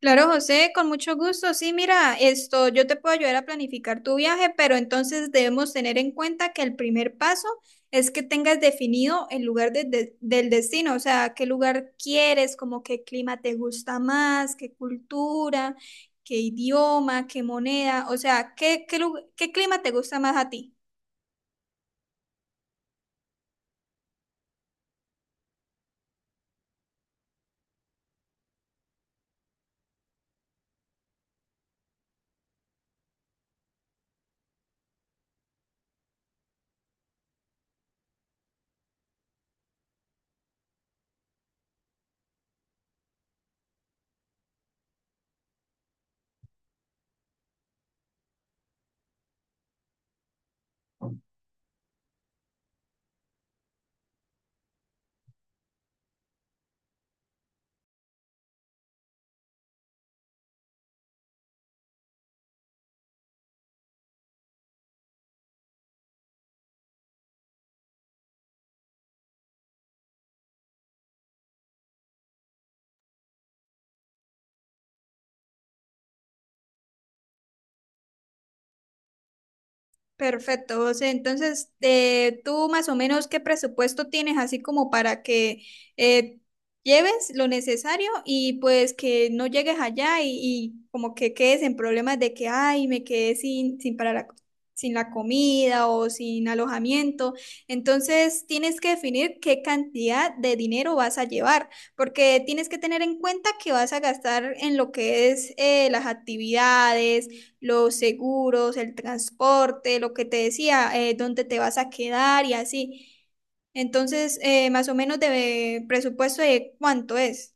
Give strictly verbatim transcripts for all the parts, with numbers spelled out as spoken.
Claro, José, con mucho gusto. Sí, mira, esto, yo te puedo ayudar a planificar tu viaje, pero entonces debemos tener en cuenta que el primer paso es que tengas definido el lugar de- de- del destino, o sea, qué lugar quieres, como qué clima te gusta más, qué cultura, qué idioma, qué moneda, o sea, qué, qué lu- qué clima te gusta más a ti. Perfecto, José. Entonces, eh, tú más o menos qué presupuesto tienes así como para que eh, lleves lo necesario y pues que no llegues allá y, y como que quedes en problemas de que, ay, me quedé sin, sin para la, sin la comida o sin alojamiento. Entonces, tienes que definir qué cantidad de dinero vas a llevar, porque tienes que tener en cuenta que vas a gastar en lo que es eh, las actividades, los seguros, el transporte, lo que te decía, eh, dónde te vas a quedar y así. Entonces, eh, más o menos de presupuesto de cuánto es.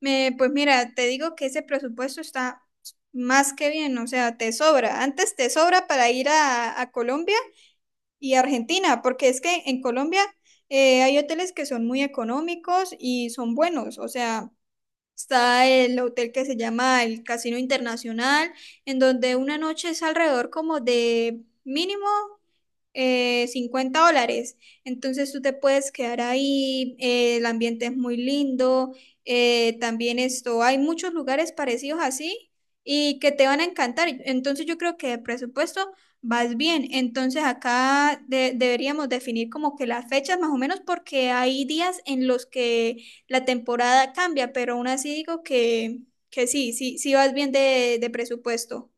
Me- pues mira, te digo que ese presupuesto está más que bien, o sea, te sobra. Antes te sobra para ir a, a Colombia y Argentina, porque es que en Colombia eh, hay hoteles que son muy económicos y son buenos, o sea... Está el hotel que se llama el Casino Internacional, en donde una noche es alrededor como de mínimo, eh, cincuenta dólares. Entonces tú te puedes quedar ahí, eh, el ambiente es muy lindo, eh, también esto, hay muchos lugares parecidos así y que te van a encantar. Entonces yo creo que de presupuesto vas bien. Entonces acá de- deberíamos definir como que las fechas más o menos porque hay días en los que la temporada cambia, pero aún así digo que, que sí, sí, sí vas bien de de presupuesto.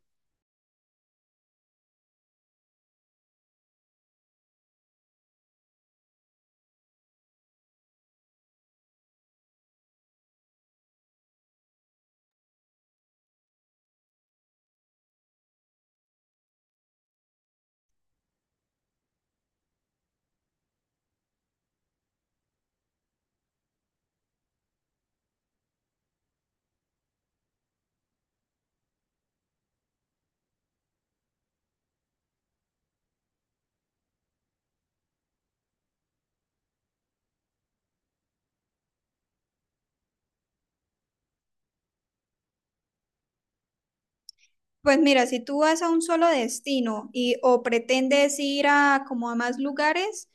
Pues mira, si tú vas a un solo destino y o pretendes ir a como a más lugares,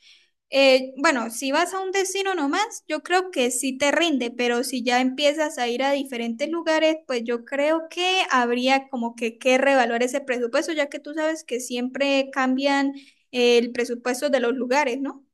eh, bueno, si vas a un destino nomás, yo creo que sí te rinde, pero si ya empiezas a ir a diferentes lugares, pues yo creo que habría como que que revaluar ese presupuesto, ya que tú sabes que siempre cambian, eh, el presupuesto de los lugares, ¿no?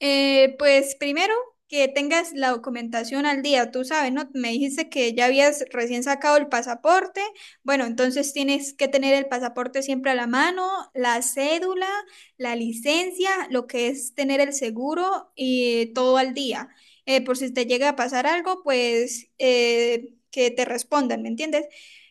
Eh, pues primero que tengas la documentación al día, tú sabes, ¿no? Me dijiste que ya habías recién sacado el pasaporte. Bueno, entonces tienes que tener el pasaporte siempre a la mano, la cédula, la licencia, lo que es tener el seguro y todo al día. Eh, por si te llega a pasar algo, pues eh, que te respondan, ¿me entiendes?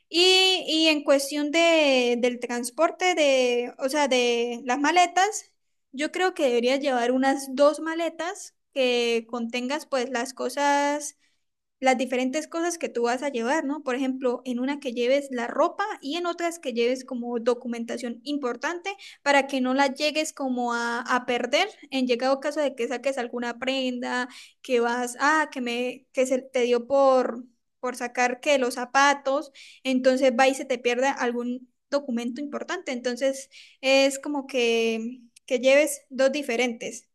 Y, y en cuestión de, del transporte, de, o sea, de las maletas. Yo creo que deberías llevar unas dos maletas que contengas pues las cosas las diferentes cosas que tú vas a llevar, ¿no? Por ejemplo, en una que lleves la ropa y en otras que lleves como documentación importante para que no la llegues como a, a perder en llegado caso de que saques alguna prenda, que vas, ah, que me, que se te dio por, por sacar que los zapatos, entonces va y se te pierde algún documento importante. Entonces es como que, que lleves dos diferentes.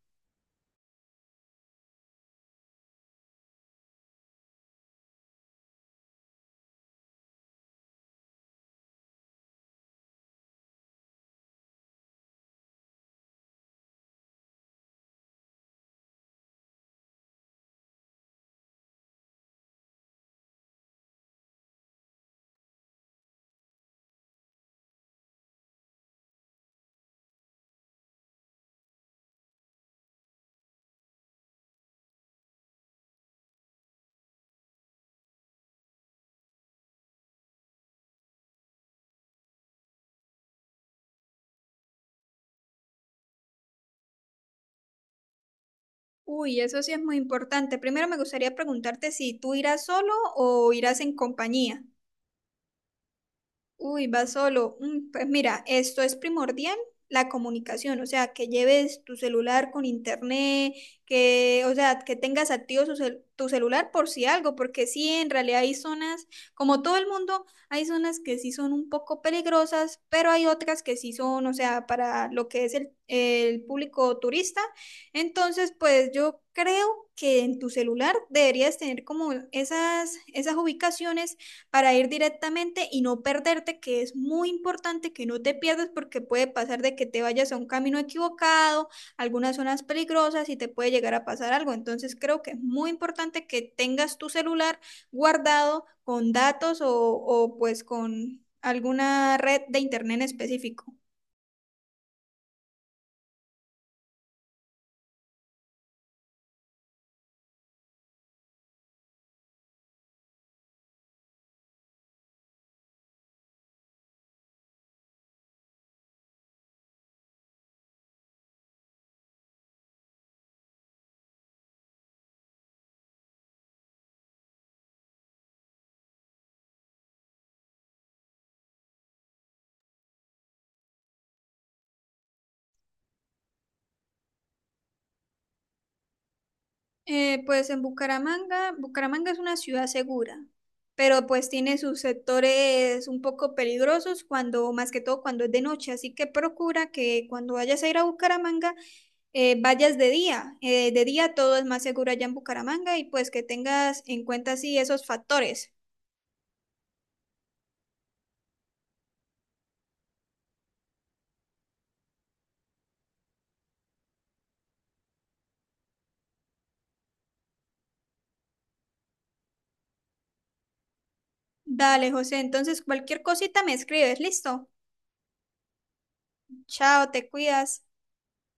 Uy, eso sí es muy importante. Primero me gustaría preguntarte si tú irás solo o irás en compañía. Uy, vas solo. Mm, pues mira, esto es primordial, la comunicación, o sea, que lleves tu celular con internet, que, o sea, que tengas activo su cel- tu celular por si algo, porque sí, en realidad hay zonas, como todo el mundo, hay zonas que sí son un poco peligrosas, pero hay otras que sí son, o sea, para lo que es el, el público turista. Entonces, pues yo creo que en tu celular deberías tener como esas, esas ubicaciones para ir directamente y no perderte, que es muy importante que no te pierdas porque puede pasar de que te vayas a un camino equivocado, algunas zonas peligrosas y te puede llegar a pasar algo. Entonces creo que es muy importante que tengas tu celular guardado con datos o, o pues con alguna red de internet en específico. Eh, pues en Bucaramanga, Bucaramanga es una ciudad segura, pero pues tiene sus sectores un poco peligrosos cuando, más que todo cuando es de noche, así que procura que cuando vayas a ir a Bucaramanga, eh, vayas de día. Eh, de día todo es más seguro allá en Bucaramanga y pues que tengas en cuenta así esos factores. Dale, José, entonces cualquier cosita me escribes, listo. Chao, te cuidas.